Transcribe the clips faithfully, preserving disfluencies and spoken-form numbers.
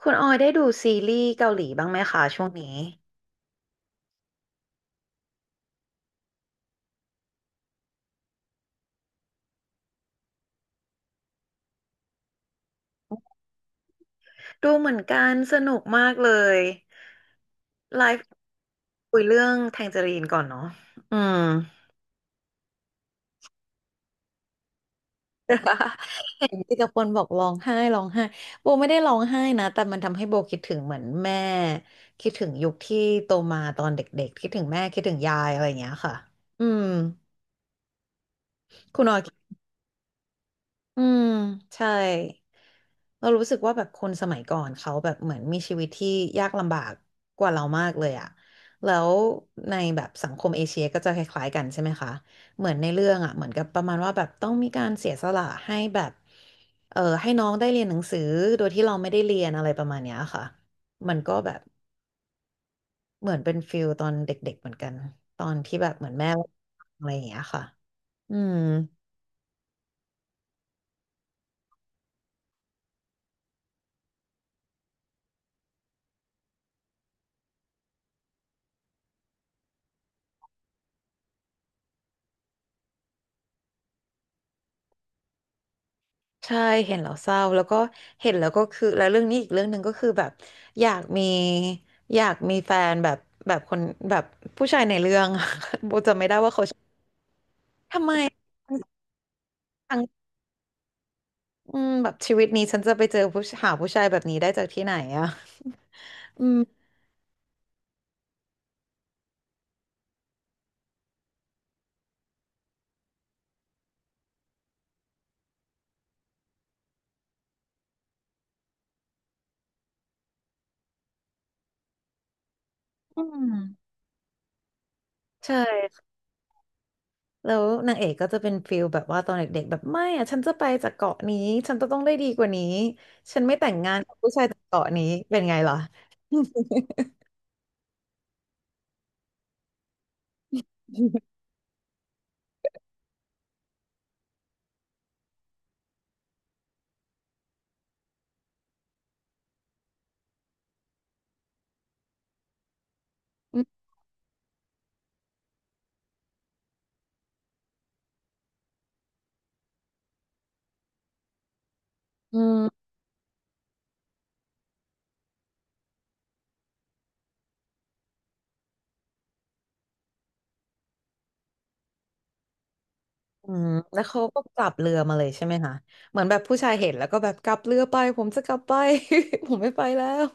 คุณออยได้ดูซีรีส์เกาหลีบ้างไหมคะช่วงนี้ดูเหมือนกันสนุกมากเลยไลฟ์คุยเรื่องแทงเจอรีนก่อนเนาะอืม เห็นที่กระปนบอกร้องไห้ร้องไห้โบไม่ได้ร้องไห้นะแต่มันทำให้โบคิดถึงเหมือนแม่คิดถึงยุคที่โตมาตอนเด็กๆคิดถึงแม่คิดถึงยายอะไรอย่างเงี้ยค่ะอืมคุณออย อืมใช่เรารู้สึกว่าแบบคนสมัยก่อนเขาแบบเหมือนมีชีวิตที่ยากลำบากกว่าเรามากเลยอะแล้วในแบบสังคมเอเชียก็จะคล้ายๆกันใช่ไหมคะเหมือนในเรื่องอะเหมือนกับประมาณว่าแบบต้องมีการเสียสละให้แบบเออให้น้องได้เรียนหนังสือโดยที่เราไม่ได้เรียนอะไรประมาณเนี้ยค่ะมันก็แบบเหมือนเป็นฟิลตอนเด็กๆเหมือนกันตอนที่แบบเหมือนแม่อะไรอย่างเงี้ยค่ะอืม ใช่เห็นแล้วเศร้าแล้วก็เห็นแล้วก็คือแล้วเรื่องนี้อีกเรื่องหนึ่งก็คือแบบอยากมีอยากมีแฟนแบบแบบคนแบบผู้ชายในเรื่อง โบจำไม่ได้ว่าเขาชื่อทำไมทั้งอืมแบบชีวิตนี้ฉันจะไปเจอผู้หาผู้ชายแบบนี้ได้จากที่ไหนอะ อืมอืมใช่แล้วนางเอกก็จะเป็นฟิลแบบว่าตอนเด็กๆแบบไม่อะฉันจะไปจากเกาะนี้ฉันจะต้องได้ดีกว่านี้ฉันไม่แต่งงานกับผู้ชายจากเกาะนี้เป็นไงล่ะ อืม อืมแล้วเขาก็กลับเรือมาเลยใช่ไหมคะเหมือนแบบผู้ชายเห็นแล้วก็แบบกลับเรือไปผมจะกลับไป ผมไม่ไปแล้ว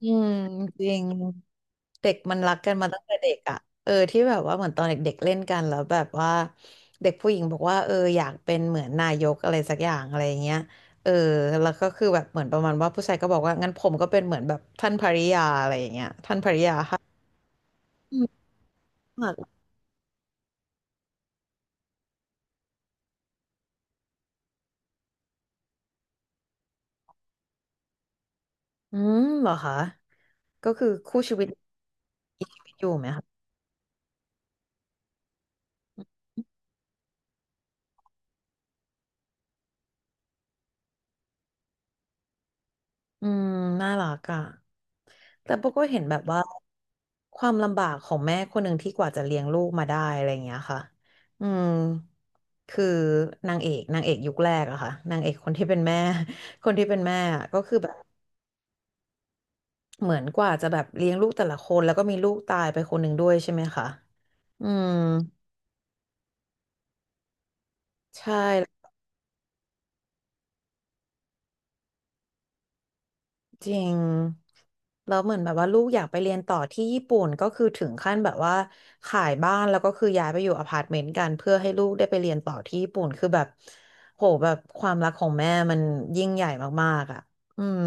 อืมจริงเด็กมันรักกันมาตั้งแต่เด็กอ่ะเออที่แบบว่าเหมือนตอนเด็กๆเล่นกันแล้วแบบว่าเด็กผู้หญิงบอกว่าเอออยากเป็นเหมือนนายกอะไรสักอย่างอะไรอย่างเงี้ยเออแล้วก็คือแบบเหมือนประมาณว่าผู้ชายก็บอกว่างั้นผมก็เป็นเหมือนแบบท่านภริยาอะไรอย่างเงี้ยท่านภริยาค่ะอืมอืมเหรอคะก็คือคู่ชีวิตมีชีวิตอยู่ไหมคะ อืมน่ารักอ่ะแต่โบก็เห็นแบบว่าความลำบากของแม่คนหนึ่งที่กว่าจะเลี้ยงลูกมาได้อะไรอย่างเงี้ยค่ะอืมคือนางเอกนางเอกยุคแรกอะค่ะนางเอกคนที่เป็นแม่ คนที่เป็นแม่อะก็คือแบบเหมือนกว่าจะแบบเลี้ยงลูกแต่ละคนแล้วก็มีลูกตายไปคนหนึ่งด้วยใช่ไหมคะอืมใช่ จริงแล้วเหมือนแบบว่าลูกอยากไปเรียนต่อที่ญี่ปุ่นก็คือถึงขั้นแบบว่าขายบ้านแล้วก็คือย้ายไปอยู่อพาร์ตเมนต์กันเพื่อให้ลูกได้ไปเรียนต่อที่ญี่ปุ่นคือแบบโหแบบความรักของแม่มันยิ่งใหญ่มากๆอ่ะอืม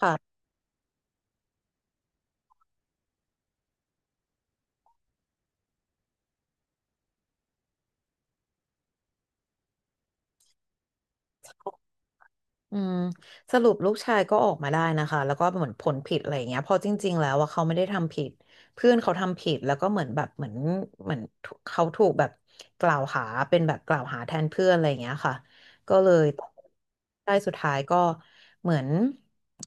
ค่ะ อืมสรุปลูกชายก็ออกมาได้นะคะแล้วก็เหมือนผลผิดอะไรอย่างเงี้ยเพอจริงๆแล้วว่าเขาไม่ได้ทำผิดเพื่อนเขาทำผิดแล้วก็เหมือนแบบเหมือนเหมือนเขาถูกแบบกล่าวหาเป็นแบบกล่าวหาแทนเพื่อนอะไรอย่างเงี้ยค่ะก็เลยได้สุดท้ายก็เหมือน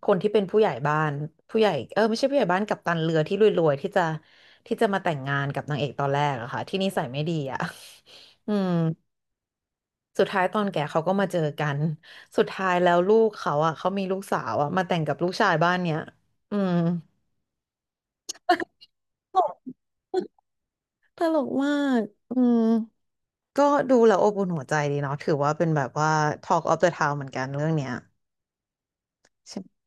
คนที่เป็นผู้ใหญ่บ้านผู้ใหญ่เออไม่ใช่ผู้ใหญ่บ้านกัปตันเรือที่รวยๆที่จะที่จะมาแต่งงานกับนางเอกตอนแรกอะค่ะที่นิสัยไม่ดีอะ อืม สุดท้ายตอนแก่เขาก็มาเจอกัน สุดท้ายแล้วลูกเขาอ่ะเขามีลูกสาวอ่ะมาแต่งกับลูกชายบ้านเนี้ย อืม ตลกตลกมาก อืม ก็ดูแล้วอบอุ่นหัวใจดีเนาะถือว่าเป็นแบบว่า Talk of the Town เหมือนกันเรื่องเนี้ยใช่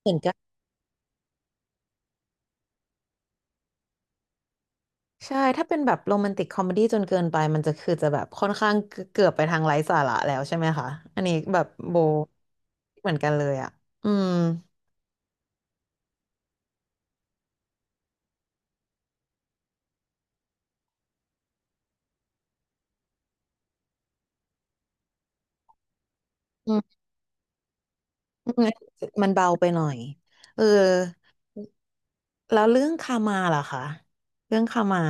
เหมือนกันใช่ถ้าเป็นแบบโรแมนติกคอมเมดี้จนเกินไปมันจะคือจะแบบค่อนข้างเกือบไปทางไร้สาระแล้วใช่ไหมคะ อันนี้แบบโบเหมือนกันเลยอ่ะอืมอืมอืมมันเบาไปหน่อยเออ แล้วเรื่องคามาล่ะคะเรื่องคามา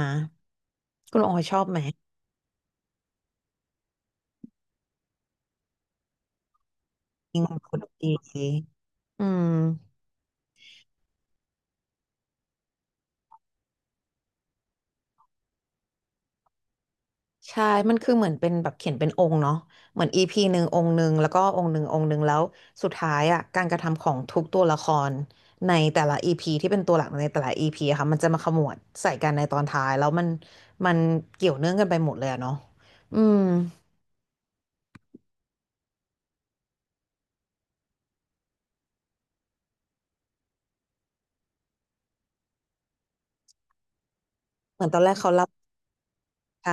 คุณออยชอบไหมจริงคุณดีอืมใช่มันคือเหมือนเป็นแบบเขียนเป็นองค์เนาะเหมือนอีพีหนึ่งองค์หนึ่งแล้วก็องค์หนึ่งองค์หนึ่งแล้วสุดท้ายอ่ะการกระทำของทุกตัวละครในแต่ละอีพีที่เป็นตัวหลักในแต่ละอีพีค่ะมันจะมาขมวดใส่กันในตอนท้ายแล้วมันมันเกี่ยวเนื่องกันไปหมดเลยอะเนาะอืมเหมือนตอนแรกเขารับใช่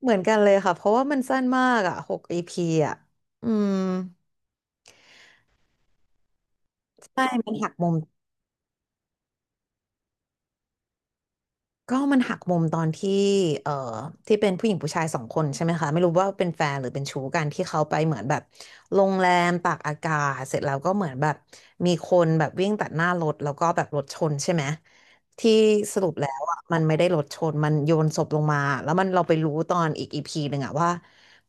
เหมือนกันเลยค่ะเพราะว่ามันสั้นมากอ่ะหก อี พีอ่ะอืม ใช่มันหักมุม ก็มันหักมุมตอนที่เอ่อที่เป็นผู้หญิงผู้ชายสองคนใช่ไหมคะ ไม่รู้ว่าเป็นแฟนหรือเป็นชู้กันที่เขาไปเหมือนแบบโรงแรมตากอากาศเสร็จแล้วก็เหมือนแบบมีคนแบบวิ่งตัดหน้ารถแล้วก็แบบรถชนใช่ไหม ที่สรุปแล้วอ่ะมันไม่ได้รถชน มันโยนศพลงมาแล้วมันเราไปรู้ตอนอีกอีพีหนึ่งอ่ะว่า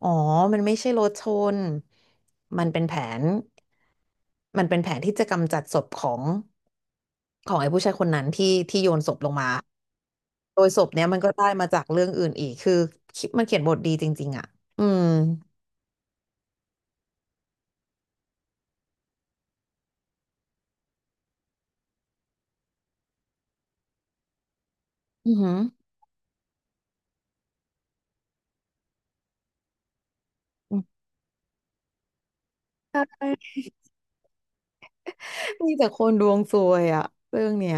อ๋อมันไม่ใช่รถชนมันเป็นแผนมันเป็นแผนที่จะกำจัดศพของของไอ้ผู้ชายคนนั้นที่ที่โยนศพลงมา โดยศพเนี้ยมันก็ได้มาจากเรื่องอื่นอีก คือคิดมันเขียนบทดีจริงๆอ่ะอืมอือหืออืมใช่มีแต่คนดวงซวยอ่ะเรื่องเนี้ย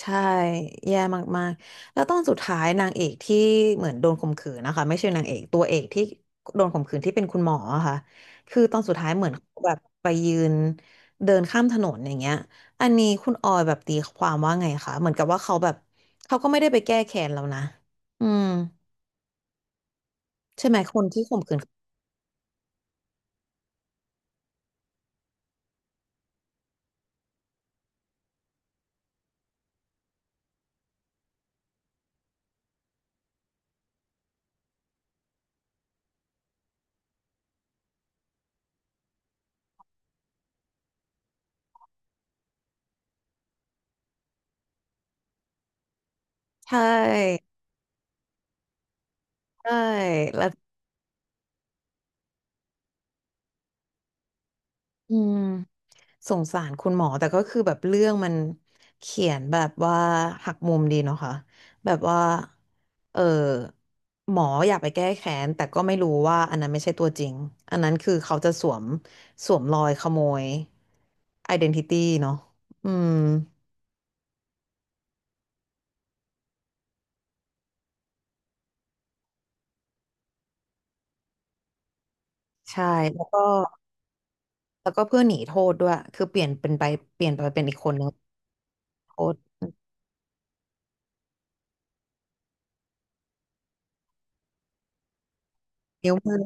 ใช่แย่มากๆแล้วตอนสุดท้ายนางเอกที่เหมือนโดนข่มขืนนะคะไม่ใช่นางเอกตัวเอกที่โดนข่มขืนที่เป็นคุณหมออะค่ะคือตอนสุดท้ายเหมือนเขาแบบไปยืนเดินข้ามถนนอย่างเงี้ยอันนี้คุณออยแบบตีความว่าไงคะเหมือนกับว่าเขาแบบเขาก็ไม่ได้ไปแก้แค้นแล้วนะอืมใช่ไหมคนที่ข่มขืน ใช่ใช่แล้วอืมสงสารคุณหมอแต่ก็คือแบบเรื่องมันเขียนแบบว่าหักมุมดีเนาะค่ะแบบว่าเออหมออยากไปแก้แค้นแต่ก็ไม่รู้ว่าอันนั้นไม่ใช่ตัวจริงอันนั้นคือเขาจะสวมสวมรอยขโมย identity เดนติตี้เนาะอืมใช่แล้วก็แล้วก็เพื่อหนีโทษด้วยคือเปลี่ยนเป็นไปเปลี่ยนไปเป็นอีกคนนึงโทษนิ้วมือ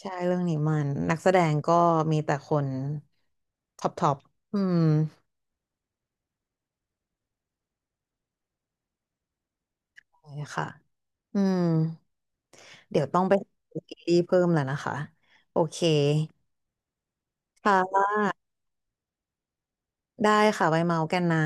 ใช่เรื่องนี้มันนักแสดงก็มีแต่คนท็อปท็อปอืมใช่ค่ะอืมเดี๋ยวต้องไปซีรีส์เพิ่มแล้วนะคะโอเคค่ะได้ค่ะไว้เมาส์กันนะ